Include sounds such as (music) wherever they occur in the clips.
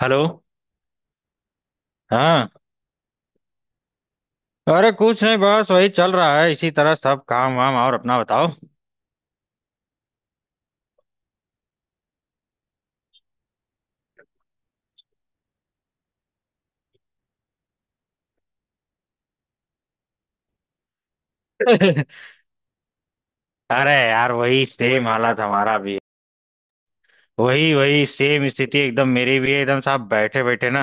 Hello. हाँ। अरे कुछ नहीं, बस वही चल रहा है इसी तरह सब काम वाम। और अपना बताओ। (laughs) अरे यार, वही सेम हालत हमारा भी है। वही वही सेम स्थिति एकदम मेरी भी है। एकदम साहब बैठे बैठे ना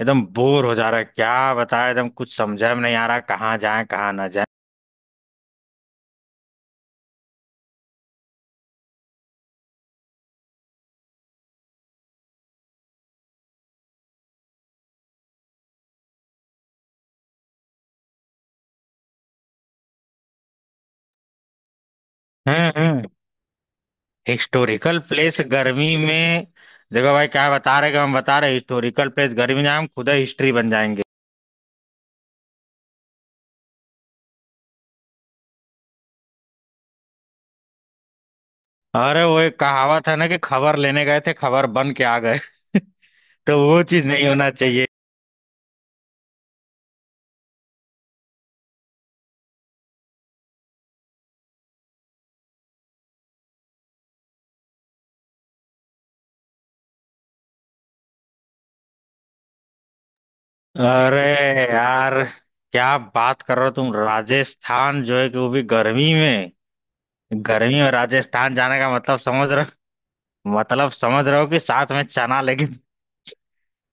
एकदम बोर हो जा रहा है, क्या बताए, एकदम कुछ समझा में नहीं आ रहा, कहाँ जाए कहाँ ना जाए। हम्म। हिस्टोरिकल प्लेस गर्मी में? देखो भाई, क्या बता रहे कि हम बता रहे हिस्टोरिकल प्लेस गर्मी में, हम खुद हिस्ट्री बन जाएंगे। अरे वो एक कहावत है ना कि खबर लेने गए थे, खबर बन के आ गए। (laughs) तो वो चीज नहीं होना चाहिए। अरे यार, क्या बात कर रहे हो तुम? राजस्थान जो है कि वो भी गर्मी में। गर्मी में राजस्थान जाने का मतलब समझ रहे हो? मतलब समझ रहे हो कि साथ में चना लेके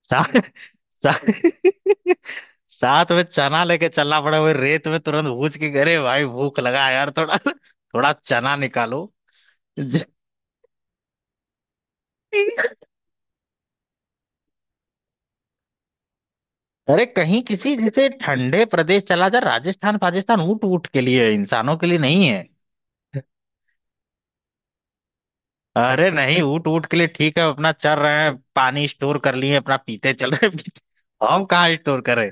साथ साथ, साथ में चना लेके चलना पड़ा, वो रेत में तुरंत भूज के अरे भाई भूख लगा है यार थोड़ा थोड़ा चना निकालो। ज- अरे कहीं किसी जैसे ठंडे प्रदेश चला जा, राजस्थान पाकिस्तान ऊंट ऊंट के लिए है, इंसानों के लिए नहीं। अरे नहीं, ऊट ऊट के लिए ठीक है, अपना चल रहे हैं पानी स्टोर कर लिए अपना पीते चल रहे हैं पीते। हम कहाँ स्टोर करें?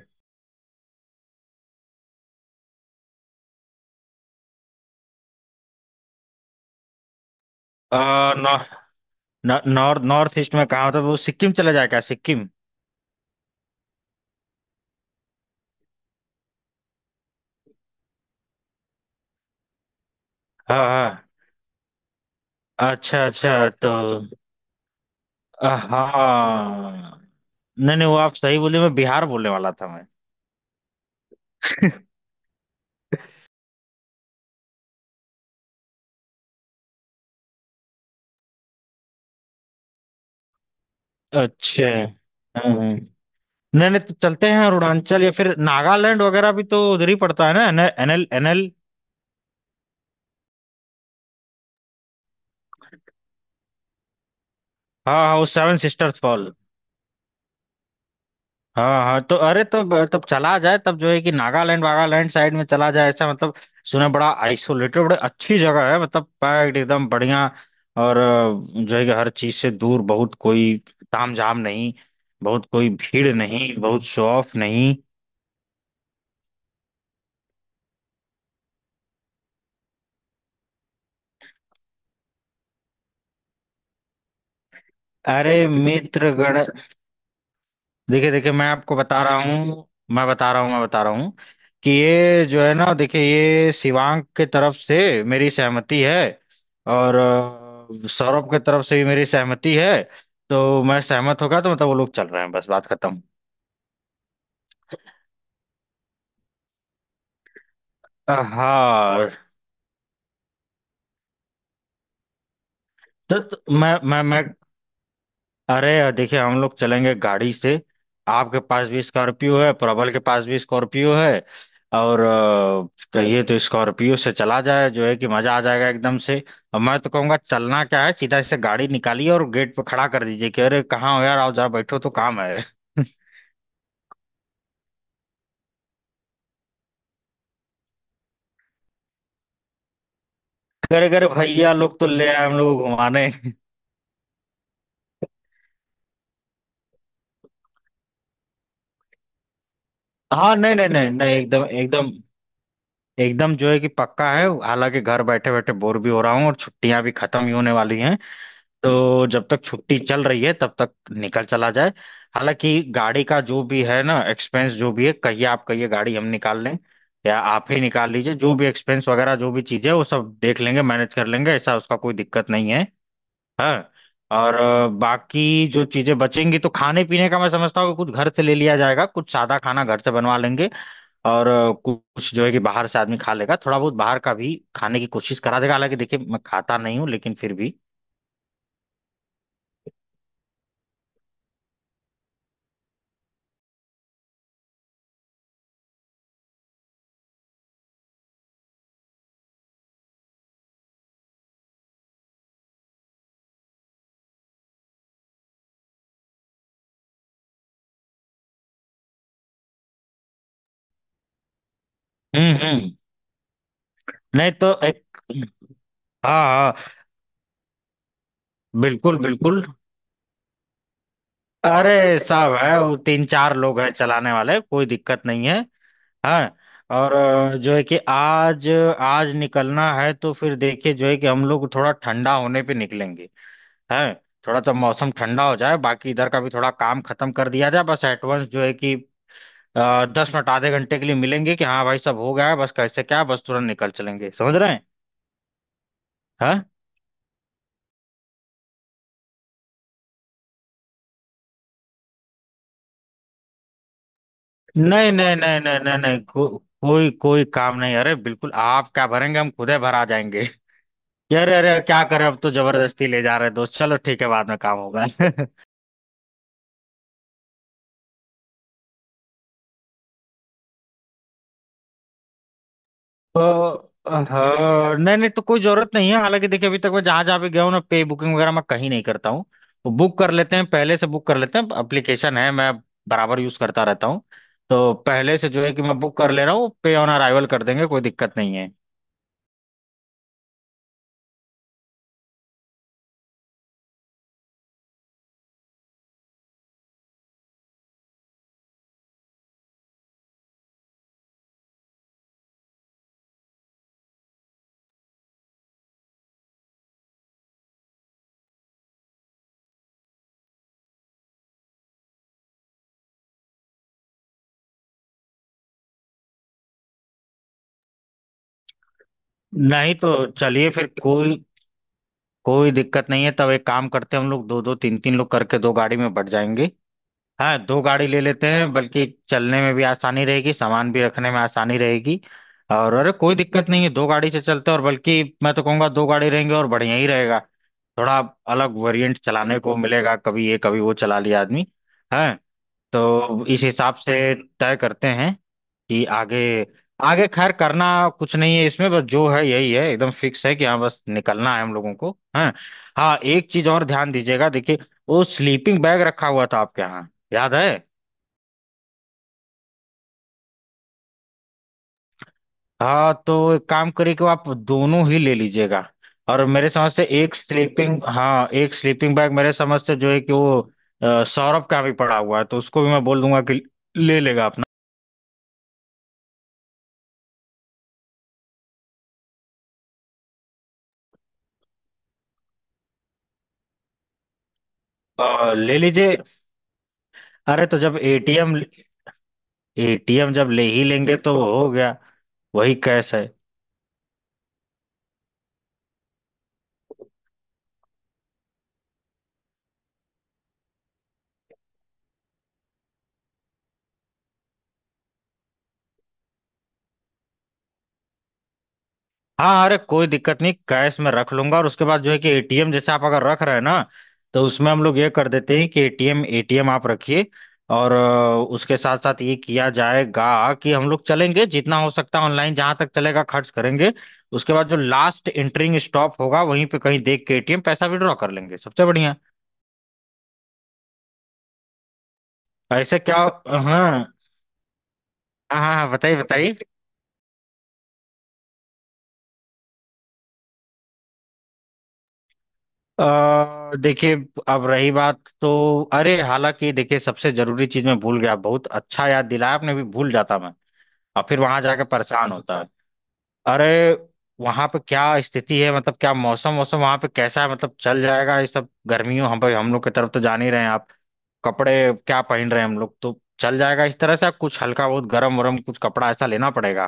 अ, नॉ- नॉ- नॉर्थ नॉर्थ ईस्ट में कहाँ? तो वो सिक्किम चला जाए क्या, सिक्किम? हाँ हाँ। अच्छा अच्छा तो हाँ हाँ, हाँ। नहीं नहीं, वो आप सही बोले, मैं बिहार बोलने वाला था मैं। अच्छा। हम्म। नहीं नहीं, तो चलते हैं अरुणाचल या फिर नागालैंड वगैरह भी तो उधर ही पड़ता है ना, एनएल एनएल। हाँ हाँ, वो सेवन सिस्टर्स फॉल। हाँ हाँ तो अरे, तब तब चला जाए, तब जो है कि नागालैंड वागालैंड साइड में चला जाए, ऐसा मतलब। सुना बड़ा आइसोलेटेड, बड़ी अच्छी जगह है, मतलब पैक्ड एकदम बढ़िया। और जो है कि हर चीज से दूर, बहुत कोई तामझाम नहीं, बहुत कोई भीड़ नहीं, बहुत शो ऑफ नहीं। अरे (laughs) मित्रगण। देखिए देखिए, मैं आपको बता रहा हूँ। मैं बता रहा हूँ, मैं बता रहा हूँ कि ये जो है ना देखिए, ये शिवांग के तरफ से मेरी सहमति है। और सौरभ के तरफ से भी मेरी सहमति है। तो मैं सहमत होगा तो मतलब वो लोग चल रहे हैं, बस बात खत्म। हाँ। तो मैं अरे यार देखिए, हम लोग चलेंगे गाड़ी से। आपके पास भी स्कॉर्पियो है, प्रबल के पास भी स्कॉर्पियो है। और कहिए तो स्कॉर्पियो से चला जाए, जो है कि मजा आ जाएगा एकदम से। और मैं तो कहूँगा चलना क्या है, सीधा से गाड़ी निकालिए और गेट पे खड़ा कर दीजिए कि अरे कहाँ हो यार, आओ जरा बैठो तो काम है। (laughs) अरे अरे भैया लोग तो ले आए हम लोग घुमाने। हाँ नहीं नहीं नहीं नहीं, एकदम एकदम एकदम जो है कि पक्का है, हालांकि घर बैठे बैठे बोर भी हो रहा हूँ और छुट्टियां भी खत्म ही होने वाली हैं। तो जब तक छुट्टी चल रही है तब तक निकल चला जाए। हालांकि गाड़ी का जो भी है ना एक्सपेंस जो भी है, कहिए आप कहिए गाड़ी हम निकाल लें या आप ही निकाल लीजिए, जो भी एक्सपेंस वगैरह जो भी चीज़ है वो सब देख लेंगे, मैनेज कर लेंगे, ऐसा उसका कोई दिक्कत नहीं है। हाँ। और बाकी जो चीज़ें बचेंगी तो खाने पीने का मैं समझता हूँ कि कुछ घर से ले लिया जाएगा, कुछ सादा खाना घर से बनवा लेंगे। और कुछ जो है कि बाहर से आदमी खा लेगा, थोड़ा बहुत बाहर का भी खाने की कोशिश करा देगा, हालांकि देखिए मैं खाता नहीं हूँ लेकिन फिर भी। हम्म। नहीं तो एक। हाँ हाँ बिल्कुल बिल्कुल। अरे सब है, वो तीन चार लोग हैं चलाने वाले, कोई दिक्कत नहीं है। हाँ। और जो है कि आज आज निकलना है तो फिर देखिए जो है कि हम लोग थोड़ा ठंडा होने पे निकलेंगे। हैं। थोड़ा तो मौसम ठंडा हो जाए, बाकी इधर का भी थोड़ा काम खत्म कर दिया जाए, बस एडवांस जो है कि 10 मिनट आधे घंटे के लिए मिलेंगे कि हाँ भाई सब हो गया है, बस कैसे क्या बस तुरंत निकल चलेंगे, समझ रहे हैं। हाँ। नहीं नहीं नहीं नहीं नहीं नहीं कोई कोई काम नहीं। अरे बिल्कुल, आप क्या भरेंगे, हम खुद ही भरा जाएंगे। (laughs) कि अरे अरे क्या करें, अब तो जबरदस्ती ले जा रहे हैं दोस्त, चलो ठीक है बाद में काम होगा। (laughs) तो हाँ। नहीं नहीं, तो कोई जरूरत नहीं है, हालांकि देखिए अभी तक मैं जहां जहां भी गया हूँ ना, पे बुकिंग वगैरह मैं कहीं नहीं करता हूँ। तो बुक कर लेते हैं, पहले से बुक कर लेते हैं, एप्लीकेशन है, मैं बराबर यूज करता रहता हूँ। तो पहले से जो है कि मैं बुक कर ले रहा हूँ, पे ऑन अराइवल कर देंगे, कोई दिक्कत नहीं है। नहीं तो चलिए, फिर कोई कोई दिक्कत नहीं है, तब एक काम करते हैं हम लोग दो दो तीन तीन लोग करके दो गाड़ी में बढ़ जाएंगे। हाँ दो गाड़ी ले लेते हैं, बल्कि चलने में भी आसानी रहेगी, सामान भी रखने में आसानी रहेगी। और अरे कोई दिक्कत नहीं है, दो गाड़ी से चलते हैं, और बल्कि मैं तो कहूँगा दो गाड़ी रहेंगे और बढ़िया ही रहेगा। थोड़ा अलग वेरिएंट चलाने को मिलेगा, कभी ये कभी वो चला लिया आदमी। है। तो इस हिसाब से तय करते हैं कि आगे आगे खैर करना कुछ नहीं है इसमें, बस जो है यही है एकदम फिक्स है कि हाँ बस निकलना है हम लोगों को। हाँ हाँ, एक चीज और ध्यान दीजिएगा, देखिए वो स्लीपिंग बैग रखा हुआ था आपके यहाँ, याद है? हाँ तो एक काम करिए कि आप दोनों ही ले लीजिएगा। और मेरे समझ से एक स्लीपिंग हाँ एक स्लीपिंग बैग मेरे समझ से जो है कि वो सौरभ का भी पड़ा हुआ है, तो उसको भी मैं बोल दूंगा कि ले लेगा अपना। ले लीजिए। अरे तो जब एटीएम एटीएम जब ले ही लेंगे तो वो हो गया, वही कैश है। हाँ अरे कोई दिक्कत नहीं, कैश में रख लूंगा। और उसके बाद जो है कि एटीएम जैसे आप अगर रख रहे हैं ना, तो उसमें हम लोग ये कर देते हैं कि एटीएम एटीएम आप रखिए। और उसके साथ साथ ये किया जाएगा कि हम लोग चलेंगे जितना हो सकता है ऑनलाइन जहां तक चलेगा खर्च करेंगे। उसके बाद जो लास्ट एंटरिंग स्टॉप होगा वहीं पे कहीं देख के एटीएम पैसा विड्रॉ कर लेंगे, सबसे बढ़िया। ऐसे क्या। हाँ हाँ। हाँ हाँ, बताइए बताइए। देखिए, अब रही बात तो अरे, हालांकि देखिए सबसे जरूरी चीज मैं भूल गया, बहुत अच्छा याद दिलाया, आपने भी भूल जाता मैं। और फिर वहां जाकर परेशान होता है। अरे वहां पे क्या स्थिति है, मतलब क्या मौसम मौसम वहां पे कैसा है, मतलब चल जाएगा ये सब? गर्मियों हम भाई हम लोग की तरफ तो जान ही रहे हैं आप, कपड़े क्या पहन रहे हैं हम लोग तो चल जाएगा इस तरह से, कुछ हल्का, बहुत गर्म वरम कुछ कपड़ा ऐसा लेना पड़ेगा।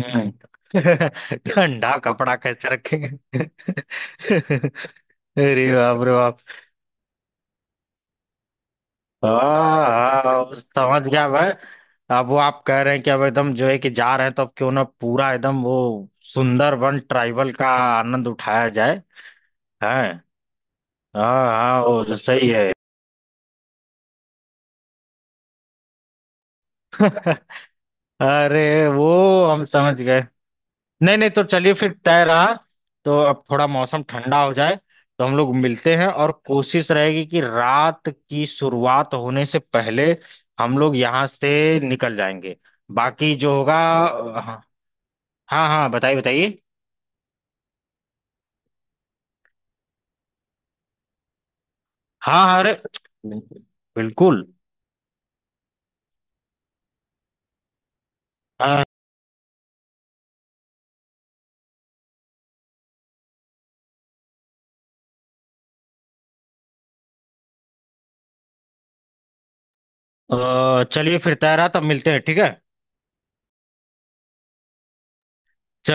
हम्म। (laughs) ठंडा कपड़ा कैसे रखेंगे? (laughs) अरे बाप रे बाप। हाँ हाँ, समझ गया मैं। अब वो आप कह रहे हैं कि अब एकदम जो है कि जा रहे हैं, तो अब क्यों ना पूरा एकदम वो सुंदरबन ट्राइबल का आनंद उठाया जाए। है। हाँ हाँ वो तो सही है। (laughs) अरे वो हम समझ गए। नहीं नहीं, तो चलिए फिर तय रहा, तो अब थोड़ा मौसम ठंडा हो जाए तो हम लोग मिलते हैं, और कोशिश रहेगी कि रात की शुरुआत होने से पहले हम लोग यहाँ से निकल जाएंगे, बाकी जो होगा। हाँ, हाँ हाँ बताइए बताइए। हाँ हाँ। अरे बिल्कुल बिल्कुल। हाँ चलिए फिर तैयार, तब मिलते हैं, ठीक है। चलिए।